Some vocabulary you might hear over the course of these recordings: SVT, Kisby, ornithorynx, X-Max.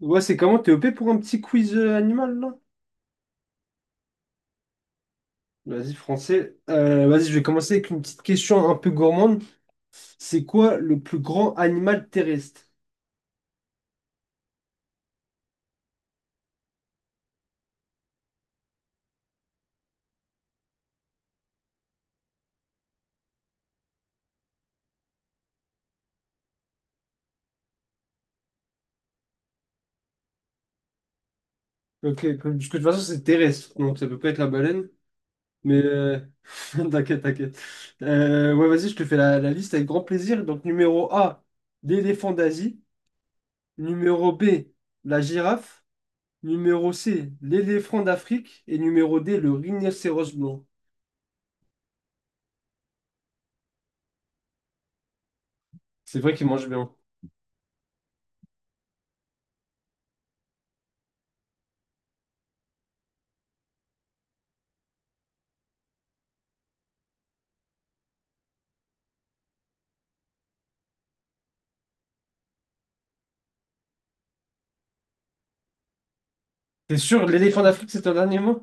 Ouais, c'est comment? T'es OP pour un petit quiz animal, là? Vas-y, français. Vas-y, je vais commencer avec une petite question un peu gourmande. C'est quoi le plus grand animal terrestre? Ok, parce que de toute façon, c'est terrestre, donc ça peut pas être la baleine. Mais t'inquiète, t'inquiète. Ouais, vas-y, je te fais la liste avec grand plaisir. Donc, numéro A, l'éléphant d'Asie. Numéro B, la girafe. Numéro C, l'éléphant d'Afrique. Et numéro D, le rhinocéros blanc. C'est vrai qu'il mange bien. T'es sûr, l'éléphant d'Afrique, c'est un animal?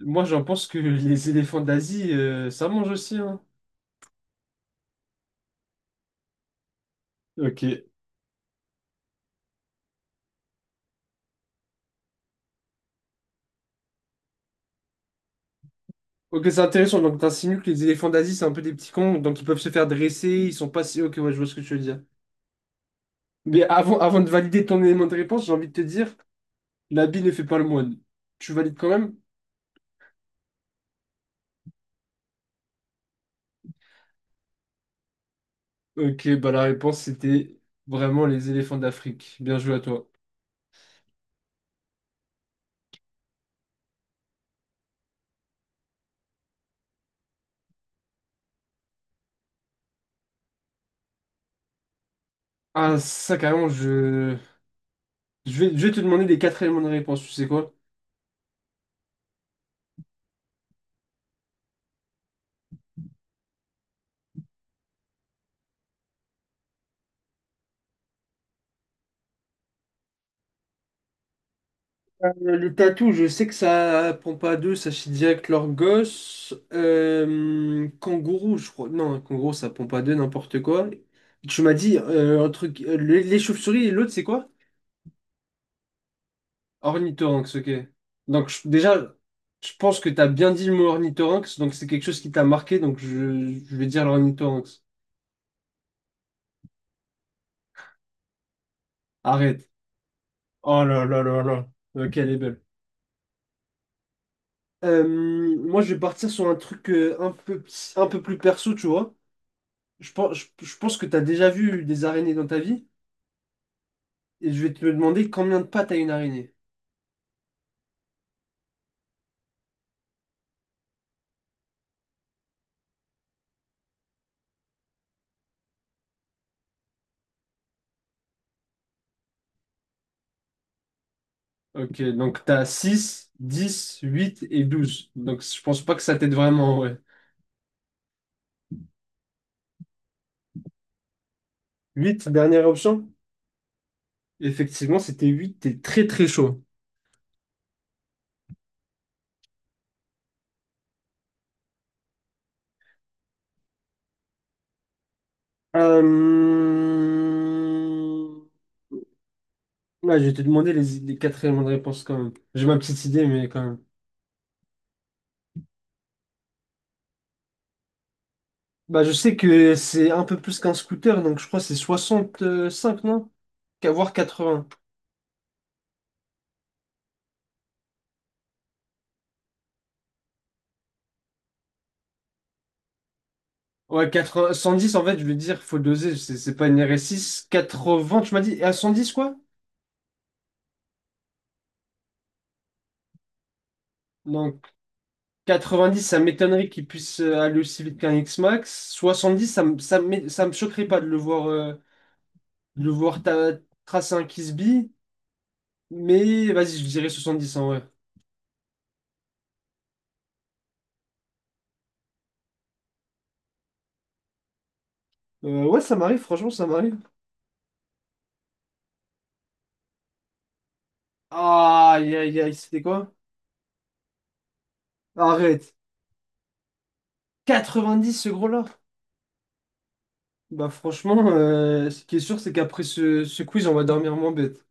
Moi, j'en pense que les éléphants d'Asie, ça mange aussi, hein. Ok. Ok, c'est intéressant. Donc, t'insinues que les éléphants d'Asie, c'est un peu des petits cons, donc ils peuvent se faire dresser, ils sont pas si... Ok, ouais, je vois ce que tu veux dire. Mais avant de valider ton élément de réponse, j'ai envie de te dire, l'habit ne fait pas le moine. Tu valides quand même? Ok, bah la réponse c'était vraiment les éléphants d'Afrique. Bien joué à toi. Ah, ça carrément, je... Je vais te demander les quatre éléments de réponse, tu sais quoi? Les tatous, je sais que ça prend pas deux, ça chie direct leur gosse. Kangourou, je crois. Non, kangourou, ça prend pas deux, n'importe quoi. Tu m'as dit un truc, les chauves-souris et l'autre, c'est quoi? Ornithorynx, ok. Déjà, je pense que tu as bien dit le mot ornithorynx, donc c'est quelque chose qui t'a marqué, donc je vais dire l'ornithorynx. Arrête. Oh là là là là. Ok, elle est belle. Moi, je vais partir sur un truc un peu plus perso, tu vois. Je pense que tu as déjà vu des araignées dans ta vie, et je vais te demander combien de pattes a une araignée. Ok, donc t'as 6, 10, 8 et douze. Donc je pense pas que ça t'aide vraiment, ouais. 8, dernière option? Effectivement, c'était huit, t'es très très chaud. Euh... ouais, je vais te demander les quatre éléments de réponse quand même. J'ai ma petite idée, mais quand même. Bah, je sais que c'est un peu plus qu'un scooter, donc je crois que c'est cinq, non? Qu'à voir 80. Ouais, 80, 110 en fait, je veux dire, faut doser, c'est pas une R S six quatre-vingts tu m'as dit, et à 110 quoi? Donc, 90, ça m'étonnerait qu'il puisse aller aussi vite qu'un X-Max. 70, ça me choquerait pas de le voir, de le voir ta- tracer un Kisby. Mais vas-y, je dirais 70 en vrai. Ouais, ça m'arrive, franchement, ça m'arrive. Ah, aïe, aïe, aïe, c'était quoi? Arrête. 90, ce gros-là? Bah franchement, ce qui est sûr, c'est qu'après ce quiz, on va dormir moins bête.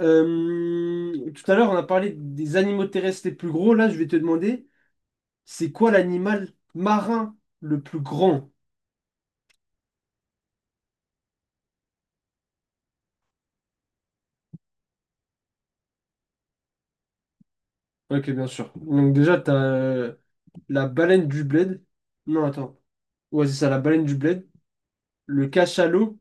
Tout à l'heure, on a parlé des animaux terrestres les plus gros. Là, je vais te demander, c'est quoi l'animal marin le plus grand? Ok, bien sûr. Donc déjà, t'as la baleine du bled. Non, attends. Ouais, c'est ça, la baleine du bled. Le cachalot.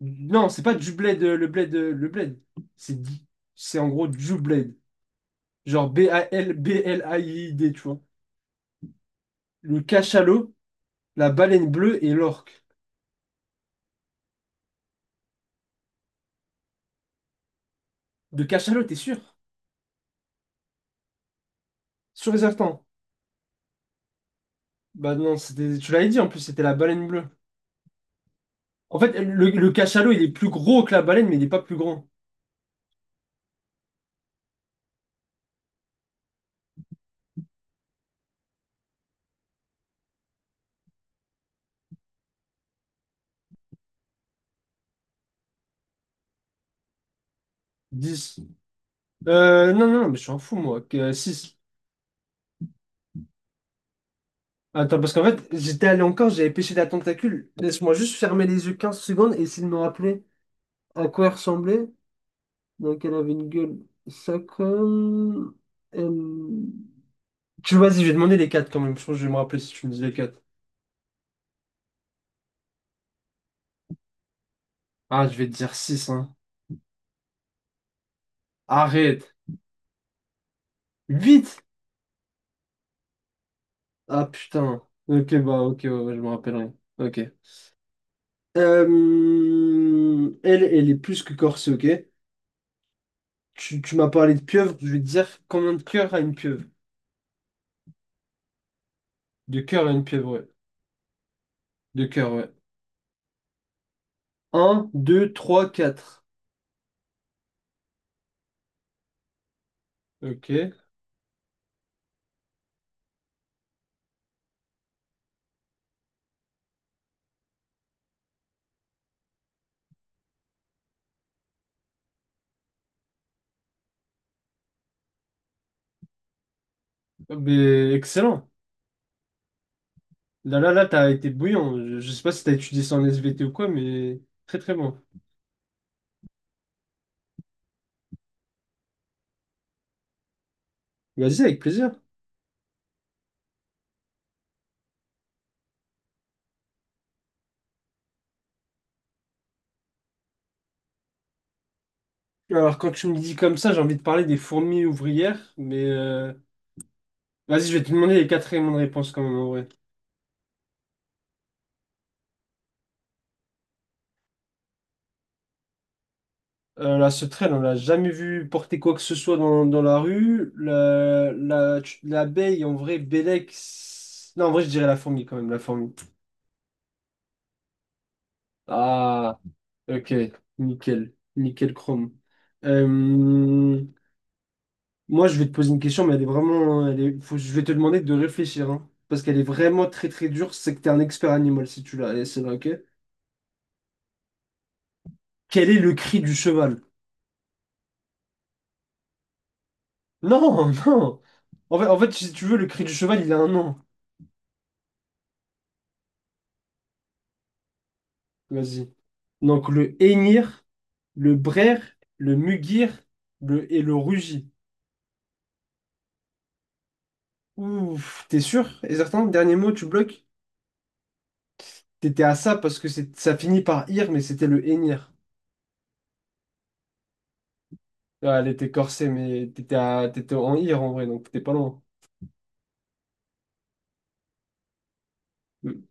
Non, c'est pas du bled, le bled, le bled. C'est dit. C'est en gros du bled. Genre BALBLAID, tu vois. Le cachalot, la baleine bleue et l'orque. De cachalot, t'es sûr? Sûr et certain. Bah non, c'était, tu l'avais dit en plus, c'était la baleine bleue. En fait, le cachalot, il est plus gros que la baleine, mais il n'est pas plus grand. Dix. Non, non, non, mais je suis un fou, moi. Que 6. Attends, parce qu'en fait, j'étais allé encore, j'avais pêché la tentacule. Laisse-moi juste fermer les yeux 15 secondes et essayer de me rappeler à quoi elle ressemblait. Donc, elle avait une gueule. Ça comme. elle- Tu vois, vas-y, je vais demander les 4 quand même. Je pense que je vais me rappeler si tu me dis les quatre. Ah, je vais te dire 6. Arrête. Vite! Ah putain. Ok, bah ok, ouais, ouais, je me rappellerai. Ok. Elle est plus que corsée, ok? Tu m'as parlé de pieuvre, je vais te dire, combien de cœurs a une pieuvre? De cœur à une pieuvre, ouais. De cœur, ouais. Un, deux, trois, quatre. Ok. Ah, mais excellent. Là, là, là, t'as été bouillant. Je sais pas si t'as étudié ça en SVT ou quoi, mais très très bon. Vas-y, avec plaisir. Alors, quand tu me dis comme ça, j'ai envie de parler des fourmis ouvrières, mais vas-y, je vais te demander les quatre éléments de réponse quand même en vrai. La sauterelle, on l'a jamais vu porter quoi que ce soit dans, dans la rue. L'abeille, en vrai, Bélec. Non, en vrai, je dirais la fourmi quand même, la fourmi. Ah, ok, nickel, nickel chrome. Euh, moi, je vais te poser une question, mais elle est vraiment. Elle est, je vais te demander de réfléchir, hein, parce qu'elle est vraiment très très dure. C'est que t'es un expert animal si tu l'as, c'est là, ok? Quel est le cri du cheval? Non, non. En fait, si tu veux, le cri du cheval, il a un nom. Vas-y. Donc le hennir, le braire, le mugir, le et le rugit. Ouf, t'es sûr? Et certain, dernier mot, tu bloques? T'étais à ça parce que ça finit par ir, mais c'était le hennir. Ah, elle était corsée, mais t'étais en ir en vrai, donc t'étais pas loin. Euh,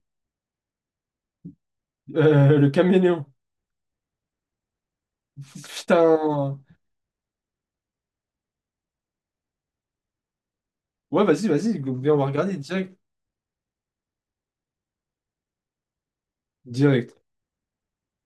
le caméléon. Putain. Ouais, vas-y, vas-y, viens, on va regarder direct. Direct.